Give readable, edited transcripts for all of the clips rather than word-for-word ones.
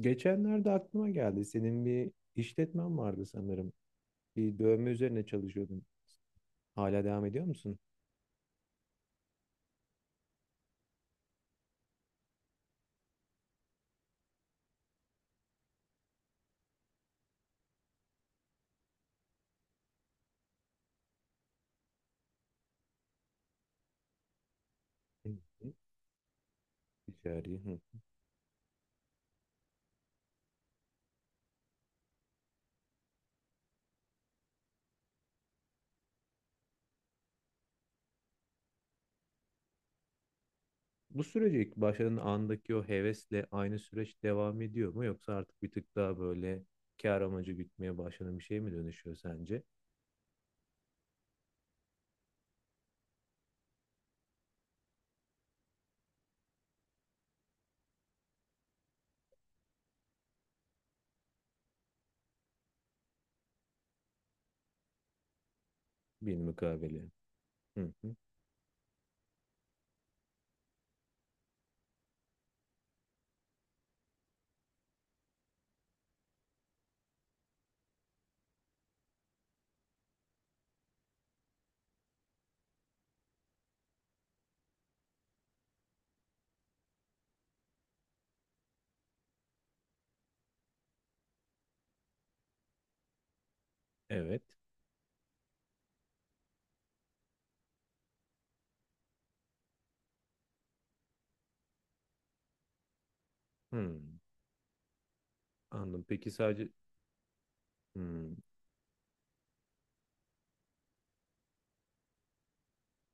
Geçenlerde aklıma geldi. Senin bir işletmen vardı sanırım. Bir dövme üzerine çalışıyordun. Hala devam ediyor musun? Hı hı. Ticari. Hı. Bu sürece ilk başladığın andaki o hevesle aynı süreç devam ediyor mu? Yoksa artık bir tık daha böyle kar amacı gütmeye başlanan bir şey mi dönüşüyor sence? Bir Hı hı. Evet. Hı. Anladım. Peki sadece hı.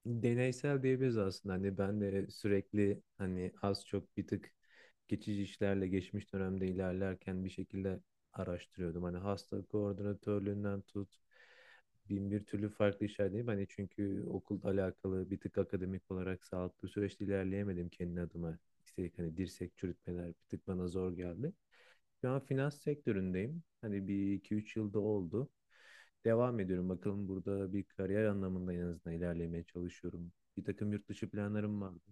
deneysel diyebiliriz aslında. Hani ben de sürekli hani az çok bir tık geçici işlerle geçmiş dönemde ilerlerken bir şekilde araştırıyordum. Hani hasta koordinatörlüğünden tut bin bir türlü farklı işler değil. Hani çünkü okulla alakalı bir tık akademik olarak sağlıklı süreçte ilerleyemedim kendi adıma. İstedik hani dirsek çürütmeler bir tık bana zor geldi. Şu an finans sektöründeyim. Hani bir iki üç yılda oldu. Devam ediyorum. Bakalım burada bir kariyer anlamında en azından ilerlemeye çalışıyorum. Bir takım yurt dışı planlarım vardı.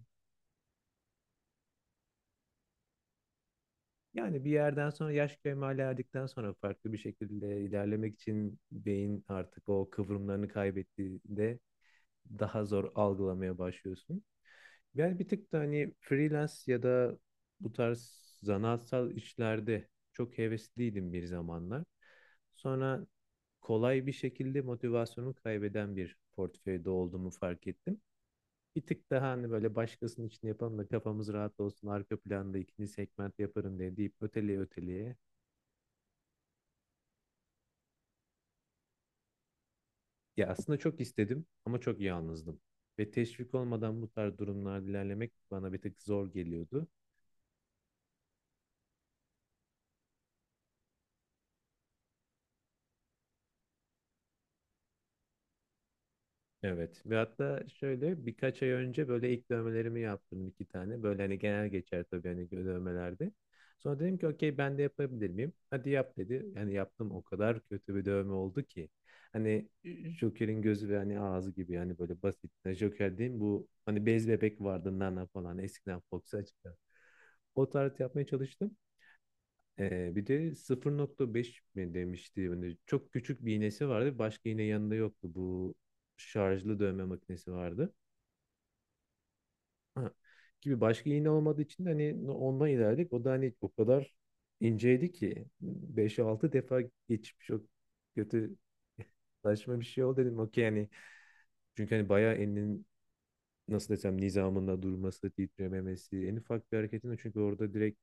Yani bir yerden sonra yaş kemale erdikten sonra farklı bir şekilde ilerlemek için beyin artık o kıvrımlarını kaybettiğinde daha zor algılamaya başlıyorsun. Yani bir tık da hani freelance ya da bu tarz zanaatsal işlerde çok hevesliydim bir zamanlar. Sonra kolay bir şekilde motivasyonumu kaybeden bir portföyde olduğumu fark ettim. Bir tık daha hani böyle başkasının için yapalım da kafamız rahat olsun arka planda ikinci segment yaparım diye deyip öteleye öteleye. Ya aslında çok istedim ama çok yalnızdım. Ve teşvik olmadan bu tarz durumlarda ilerlemek bana bir tık zor geliyordu. Evet. Ve hatta şöyle birkaç ay önce böyle ilk dövmelerimi yaptım 2 tane. Böyle hani genel geçer tabii hani dövmelerde. Sonra dedim ki okey ben de yapabilir miyim? Hadi yap dedi. Hani yaptım o kadar kötü bir dövme oldu ki. Hani Joker'in gözü ve hani ağzı gibi yani böyle basit. Yani Joker değil bu hani bez bebek vardı Nana falan eskiden Fox'a çıkan. O tarz yapmaya çalıştım. Bir de 0,5 mi demişti. Hani çok küçük bir iğnesi vardı. Başka iğne yanında yoktu. Bu şarjlı dövme makinesi vardı. Ha. Gibi başka iğne olmadığı için de hani no, ondan ilerledik. O da hani o kadar inceydi ki beş altı defa geçip çok kötü saçma bir şey oldu dedim. Okey yani. Çünkü hani bayağı elinin nasıl desem nizamında durması, titrememesi, en ufak bir hareketinde çünkü orada direkt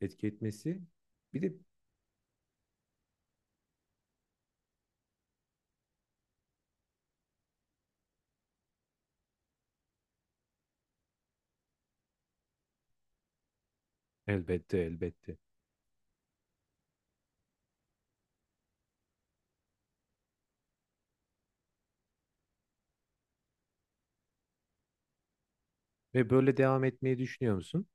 etki etmesi. Bir de elbette elbette. Ve böyle devam etmeyi düşünüyor musun?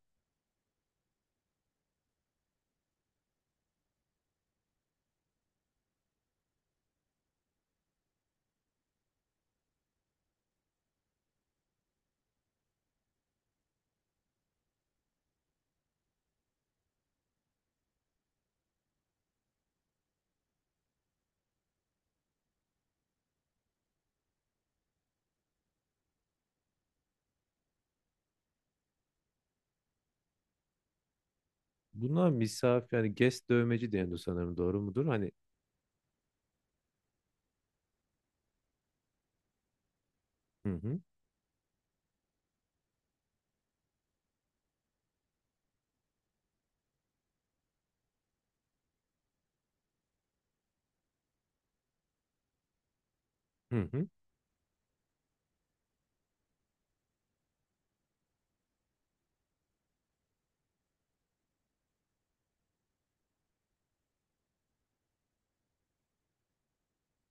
Buna misafir yani guest dövmeci deniyor sanırım doğru mudur? Hani hı hı hı hı.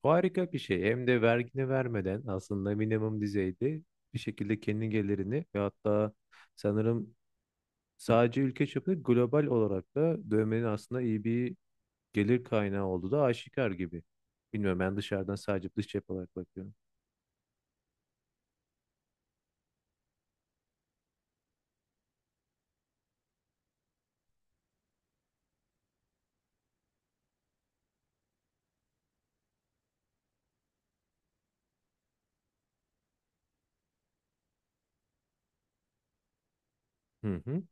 Harika bir şey. Hem de vergini vermeden aslında minimum düzeyde bir şekilde kendi gelirini ve hatta sanırım sadece ülke çapında global olarak da dövmenin aslında iyi bir gelir kaynağı olduğu da aşikar gibi. Bilmiyorum ben dışarıdan sadece dış cep olarak bakıyorum. Hı hı.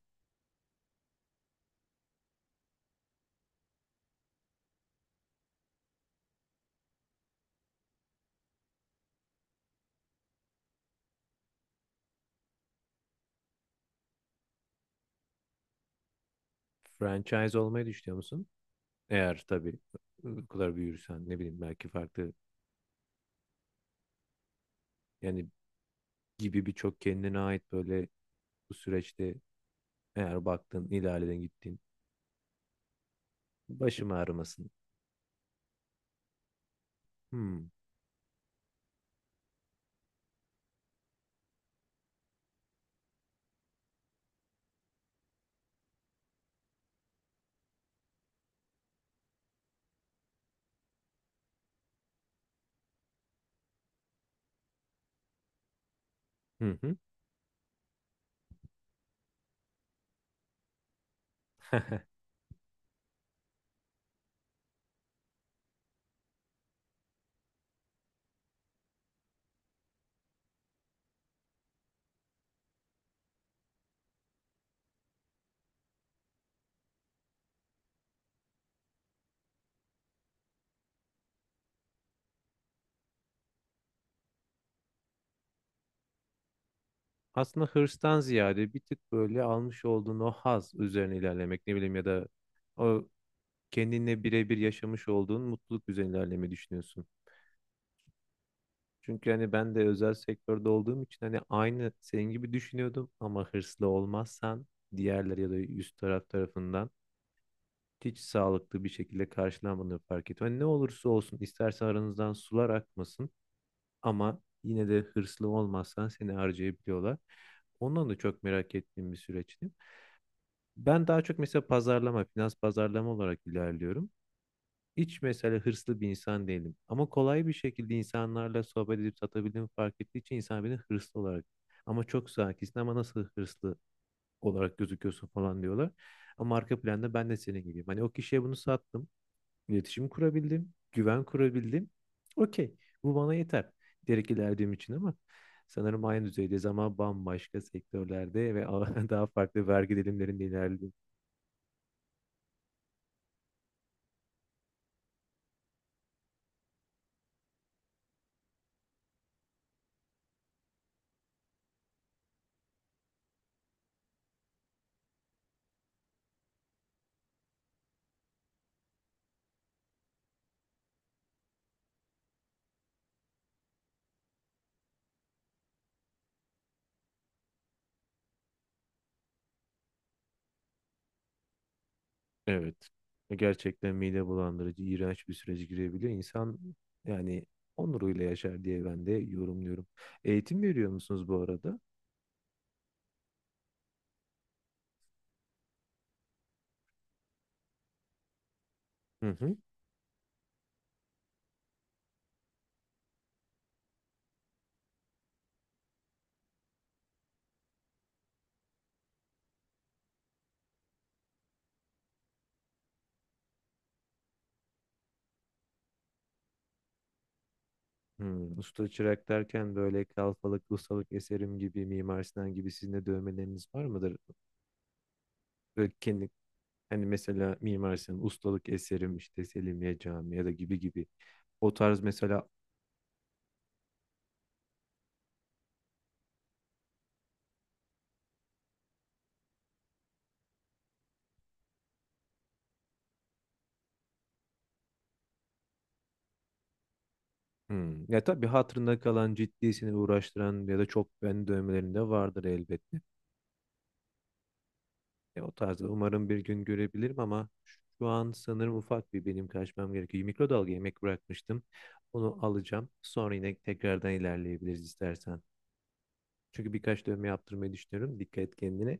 Franchise olmayı düşünüyor musun? Eğer tabii bu kadar büyürsen ne bileyim belki farklı yani gibi birçok kendine ait böyle bu süreçte eğer baktın, ilerledin, gittin. Başım ağrımasın. Hmm. Hı hı. Aslında hırstan ziyade bir tık böyle almış olduğun o haz üzerine ilerlemek ne bileyim ya da o kendinle birebir yaşamış olduğun mutluluk üzerine ilerlemeyi düşünüyorsun. Çünkü hani ben de özel sektörde olduğum için hani aynı senin gibi düşünüyordum ama hırslı olmazsan diğerleri ya da üst taraf tarafından hiç sağlıklı bir şekilde karşılanmadığını fark ettim. Hani ne olursa olsun istersen aranızdan sular akmasın. Ama yine de hırslı olmazsan seni harcayabiliyorlar. Ondan da çok merak ettiğim bir süreçti. Ben daha çok mesela pazarlama, finans pazarlama olarak ilerliyorum. Hiç mesela hırslı bir insan değilim. Ama kolay bir şekilde insanlarla sohbet edip satabildiğimi fark ettiği için insan beni hırslı olarak ama çok sakinsin ama nasıl hırslı olarak gözüküyorsun falan diyorlar. Ama arka planda ben de senin gibiyim. Hani o kişiye bunu sattım. İletişim kurabildim, güven kurabildim. Okey, bu bana yeter diyerek ilerlediğim için ama sanırım aynı düzeydeyiz ama bambaşka sektörlerde ve daha farklı vergi dilimlerinde ilerledim. Evet, gerçekten mide bulandırıcı, iğrenç bir sürece girebiliyor. İnsan yani onuruyla yaşar diye ben de yorumluyorum. Eğitim veriyor musunuz bu arada? Hı hı. Usta çırak derken böyle kalfalık, ustalık eserim gibi, Mimar Sinan gibi sizin de dövmeleriniz var mıdır? Böyle kendi Hani mesela Mimar Sinan'ın ustalık eserim işte Selimiye Camii ya da gibi gibi. O tarz mesela. Ya tabii hatırında kalan ciddi seni uğraştıran ya da çok beğeni dövmelerinde vardır elbette. O tarzda umarım bir gün görebilirim ama şu an sanırım ufak bir benim kaçmam gerekiyor. Mikrodalga yemek bırakmıştım. Onu alacağım. Sonra yine tekrardan ilerleyebiliriz istersen. Çünkü birkaç dövme yaptırmayı düşünüyorum. Dikkat et kendine.